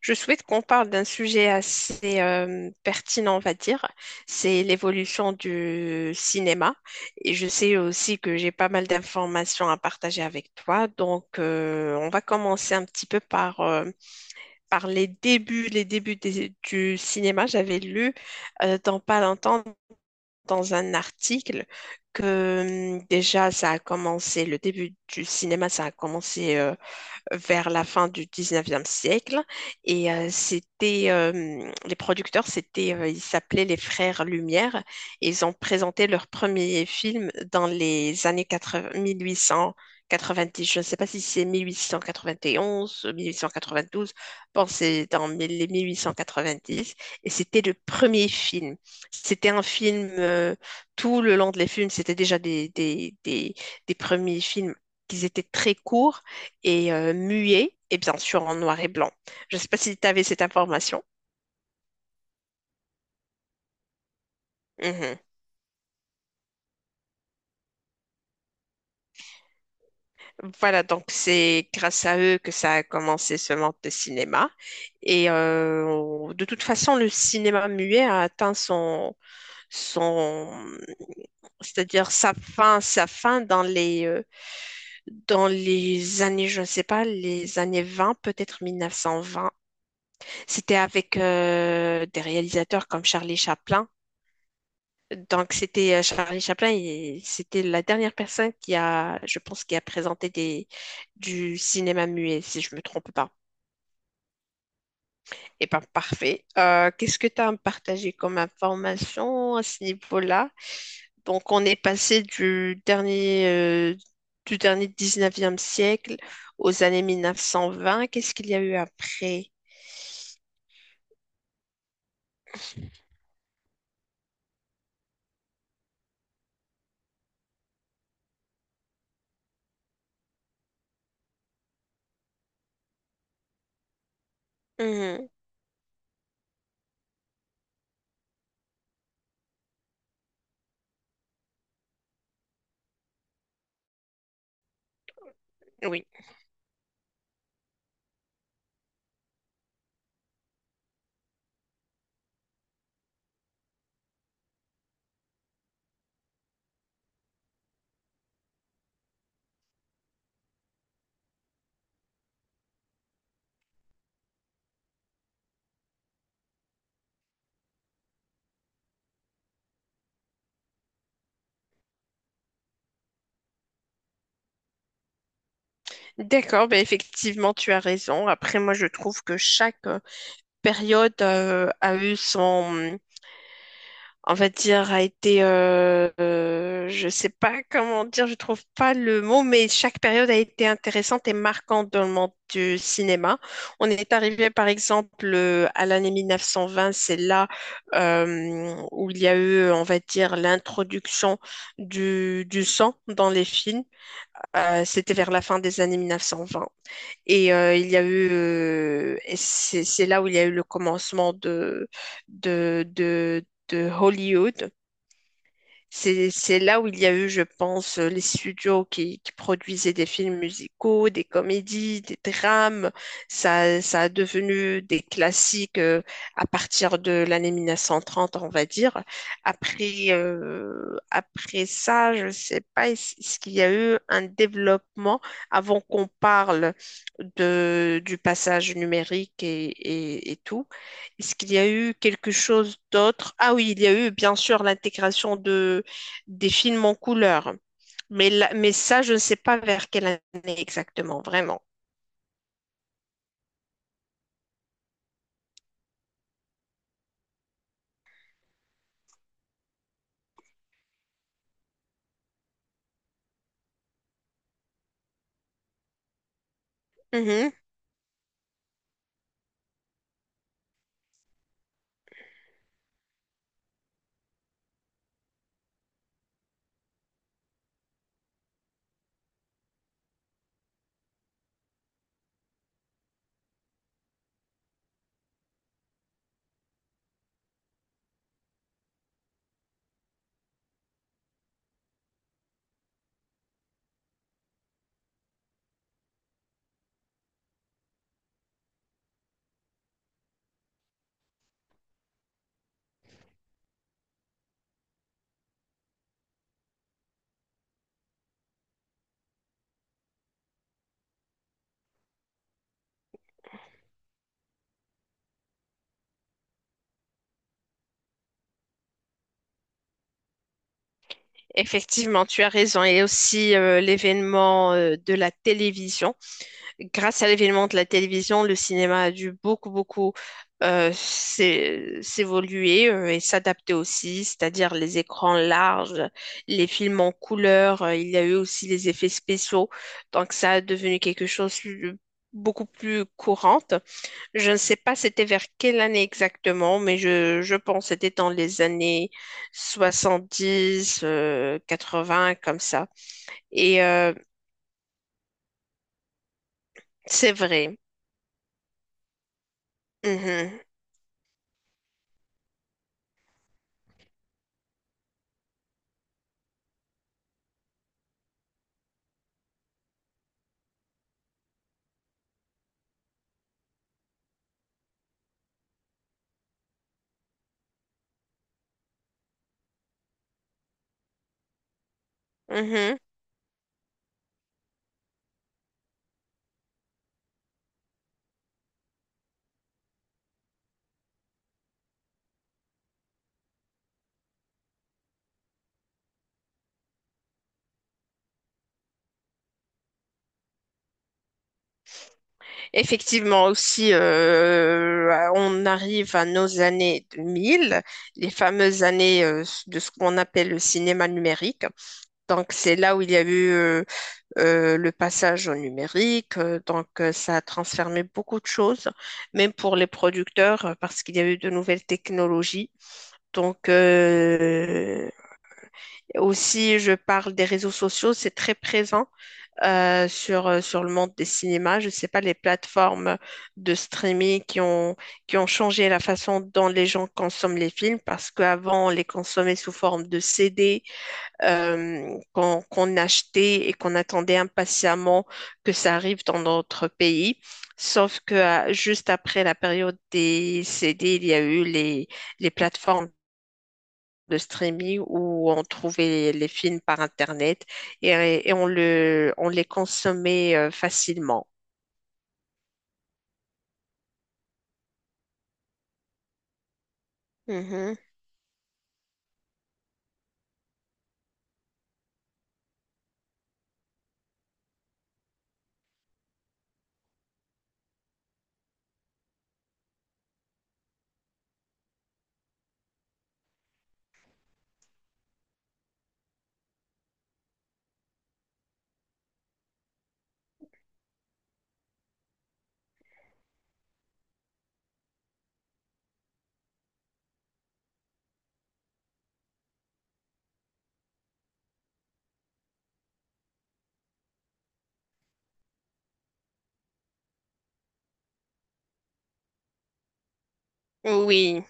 Je souhaite qu'on parle d'un sujet assez pertinent, on va dire. C'est l'évolution du cinéma. Et je sais aussi que j'ai pas mal d'informations à partager avec toi. Donc, on va commencer un petit peu par, par les débuts du cinéma. J'avais lu dans pas longtemps dans un article que déjà ça a commencé, le début du cinéma, ça a commencé vers la fin du 19e siècle. Et c'était, les producteurs, c'était, ils s'appelaient les Frères Lumière. Et ils ont présenté leur premier film dans les années 80 1890. Je ne sais pas si c'est 1891, 1892. Bon, c'est dans les 1890. Et c'était le premier film. C'était un film, tout le long de les films, c'était déjà des premiers films qui étaient très courts et muet et bien sûr en noir et blanc. Je ne sais pas si tu avais cette information. Mhm. Voilà, donc c'est grâce à eux que ça a commencé ce monde de cinéma. Et de toute façon, le cinéma muet a atteint son, c'est-à-dire sa fin dans les années, je ne sais pas, les années 20 peut-être 1920. C'était avec des réalisateurs comme Charlie Chaplin. Donc, c'était Charlie Chaplin et c'était la dernière personne qui a, je pense, qui a présenté du cinéma muet, si je ne me trompe pas. Eh bien, parfait. Qu'est-ce que tu as à me partager comme information à ce niveau-là? Donc, on est passé du dernier 19e siècle aux années 1920. Qu'est-ce qu'il y a eu après? Mhm, oui, d'accord, ben effectivement, tu as raison. Après, moi, je trouve que chaque période a eu son, on va dire, a été, je sais pas comment dire, je trouve pas le mot, mais chaque période a été intéressante et marquante dans le monde du cinéma. On est arrivé, par exemple, à l'année 1920, c'est là où il y a eu, on va dire, l'introduction du sang dans les films. C'était vers la fin des années 1920. Et il y a eu, et c'est là où il y a eu le commencement de Hollywood. C'est là où il y a eu, je pense, les studios qui produisaient des films musicaux, des comédies, des drames. Ça a devenu des classiques à partir de l'année 1930, on va dire. Après, après ça, je sais pas, est-ce qu'il y a eu un développement avant qu'on parle du passage numérique et tout? Est-ce qu'il y a eu quelque chose d'autre? Ah oui, il y a eu bien sûr l'intégration des films en couleur. Mais, mais ça, je ne sais pas vers quelle année exactement, vraiment. Mhm. Effectivement, tu as raison. Et aussi l'événement de la télévision. Grâce à l'événement de la télévision, le cinéma a dû beaucoup, beaucoup s'évoluer et s'adapter aussi, c'est-à-dire les écrans larges, les films en couleur. Il y a eu aussi les effets spéciaux. Donc ça a devenu quelque chose de beaucoup plus courante. Je ne sais pas c'était vers quelle année exactement, mais je pense que c'était dans les années 70, vingts comme ça. Et c'est vrai. Mhm, mhm. Effectivement, aussi, on arrive à nos années 2000, les fameuses années de ce qu'on appelle le cinéma numérique. Donc, c'est là où il y a eu le passage au numérique. Donc, ça a transformé beaucoup de choses, même pour les producteurs, parce qu'il y a eu de nouvelles technologies. Donc, aussi, je parle des réseaux sociaux, c'est très présent sur, sur le monde des cinémas. Je ne sais pas, les plateformes de streaming qui ont changé la façon dont les gens consomment les films, parce qu'avant, on les consommait sous forme de CD qu'on achetait et qu'on attendait impatiemment que ça arrive dans notre pays. Sauf que ah, juste après la période des CD, il y a eu les plateformes de streaming où on trouvait les films par Internet et on les consommait facilement. Mhm. Oui.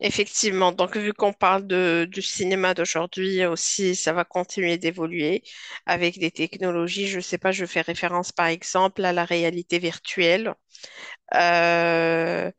Effectivement, donc vu qu'on parle du cinéma d'aujourd'hui aussi, ça va continuer d'évoluer avec des technologies. Je ne sais pas, je fais référence par exemple à la réalité virtuelle. Euh,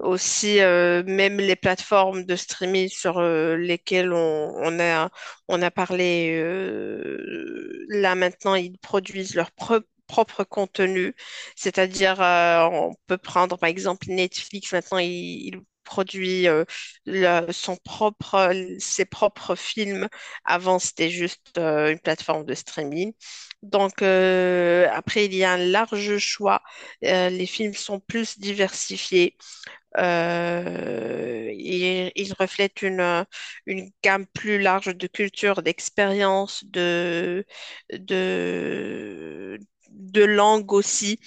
Aussi, même les plateformes de streaming sur lesquelles on a parlé, là maintenant, ils produisent leur propre contenu. C'est-à-dire, on peut prendre par exemple Netflix, maintenant, il produit son propre, ses propres films. Avant, c'était juste une plateforme de streaming. Donc, après, il y a un large choix les films sont plus diversifiés. Ils reflètent une gamme plus large de cultures, d'expériences, de, de langue aussi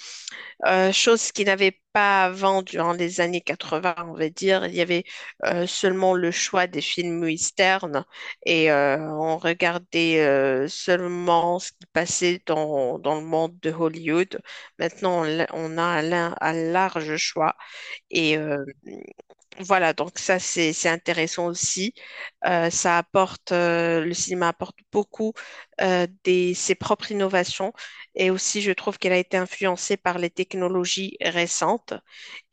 chose qu'il n'avait pas avant durant les années 80, on va dire. Il y avait seulement le choix des films westerns et on regardait seulement ce qui passait dans le monde de Hollywood. Maintenant, on a un, un large choix et voilà, donc ça, c'est intéressant aussi. Ça apporte, le cinéma apporte beaucoup ses propres innovations. Et aussi, je trouve qu'elle a été influencée par les technologies récentes.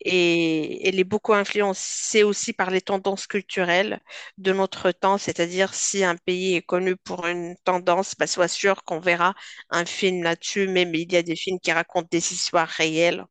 Et elle est beaucoup influencée aussi par les tendances culturelles de notre temps. C'est-à-dire, si un pays est connu pour une tendance, bah, sois sûr qu'on verra un film là-dessus. Même il y a des films qui racontent des histoires réelles.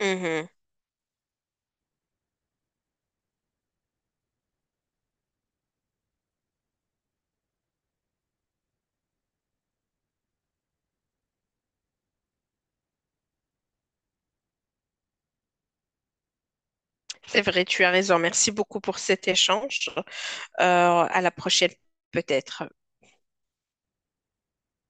Mhm. C'est vrai, tu as raison. Merci beaucoup pour cet échange. À la prochaine, peut-être.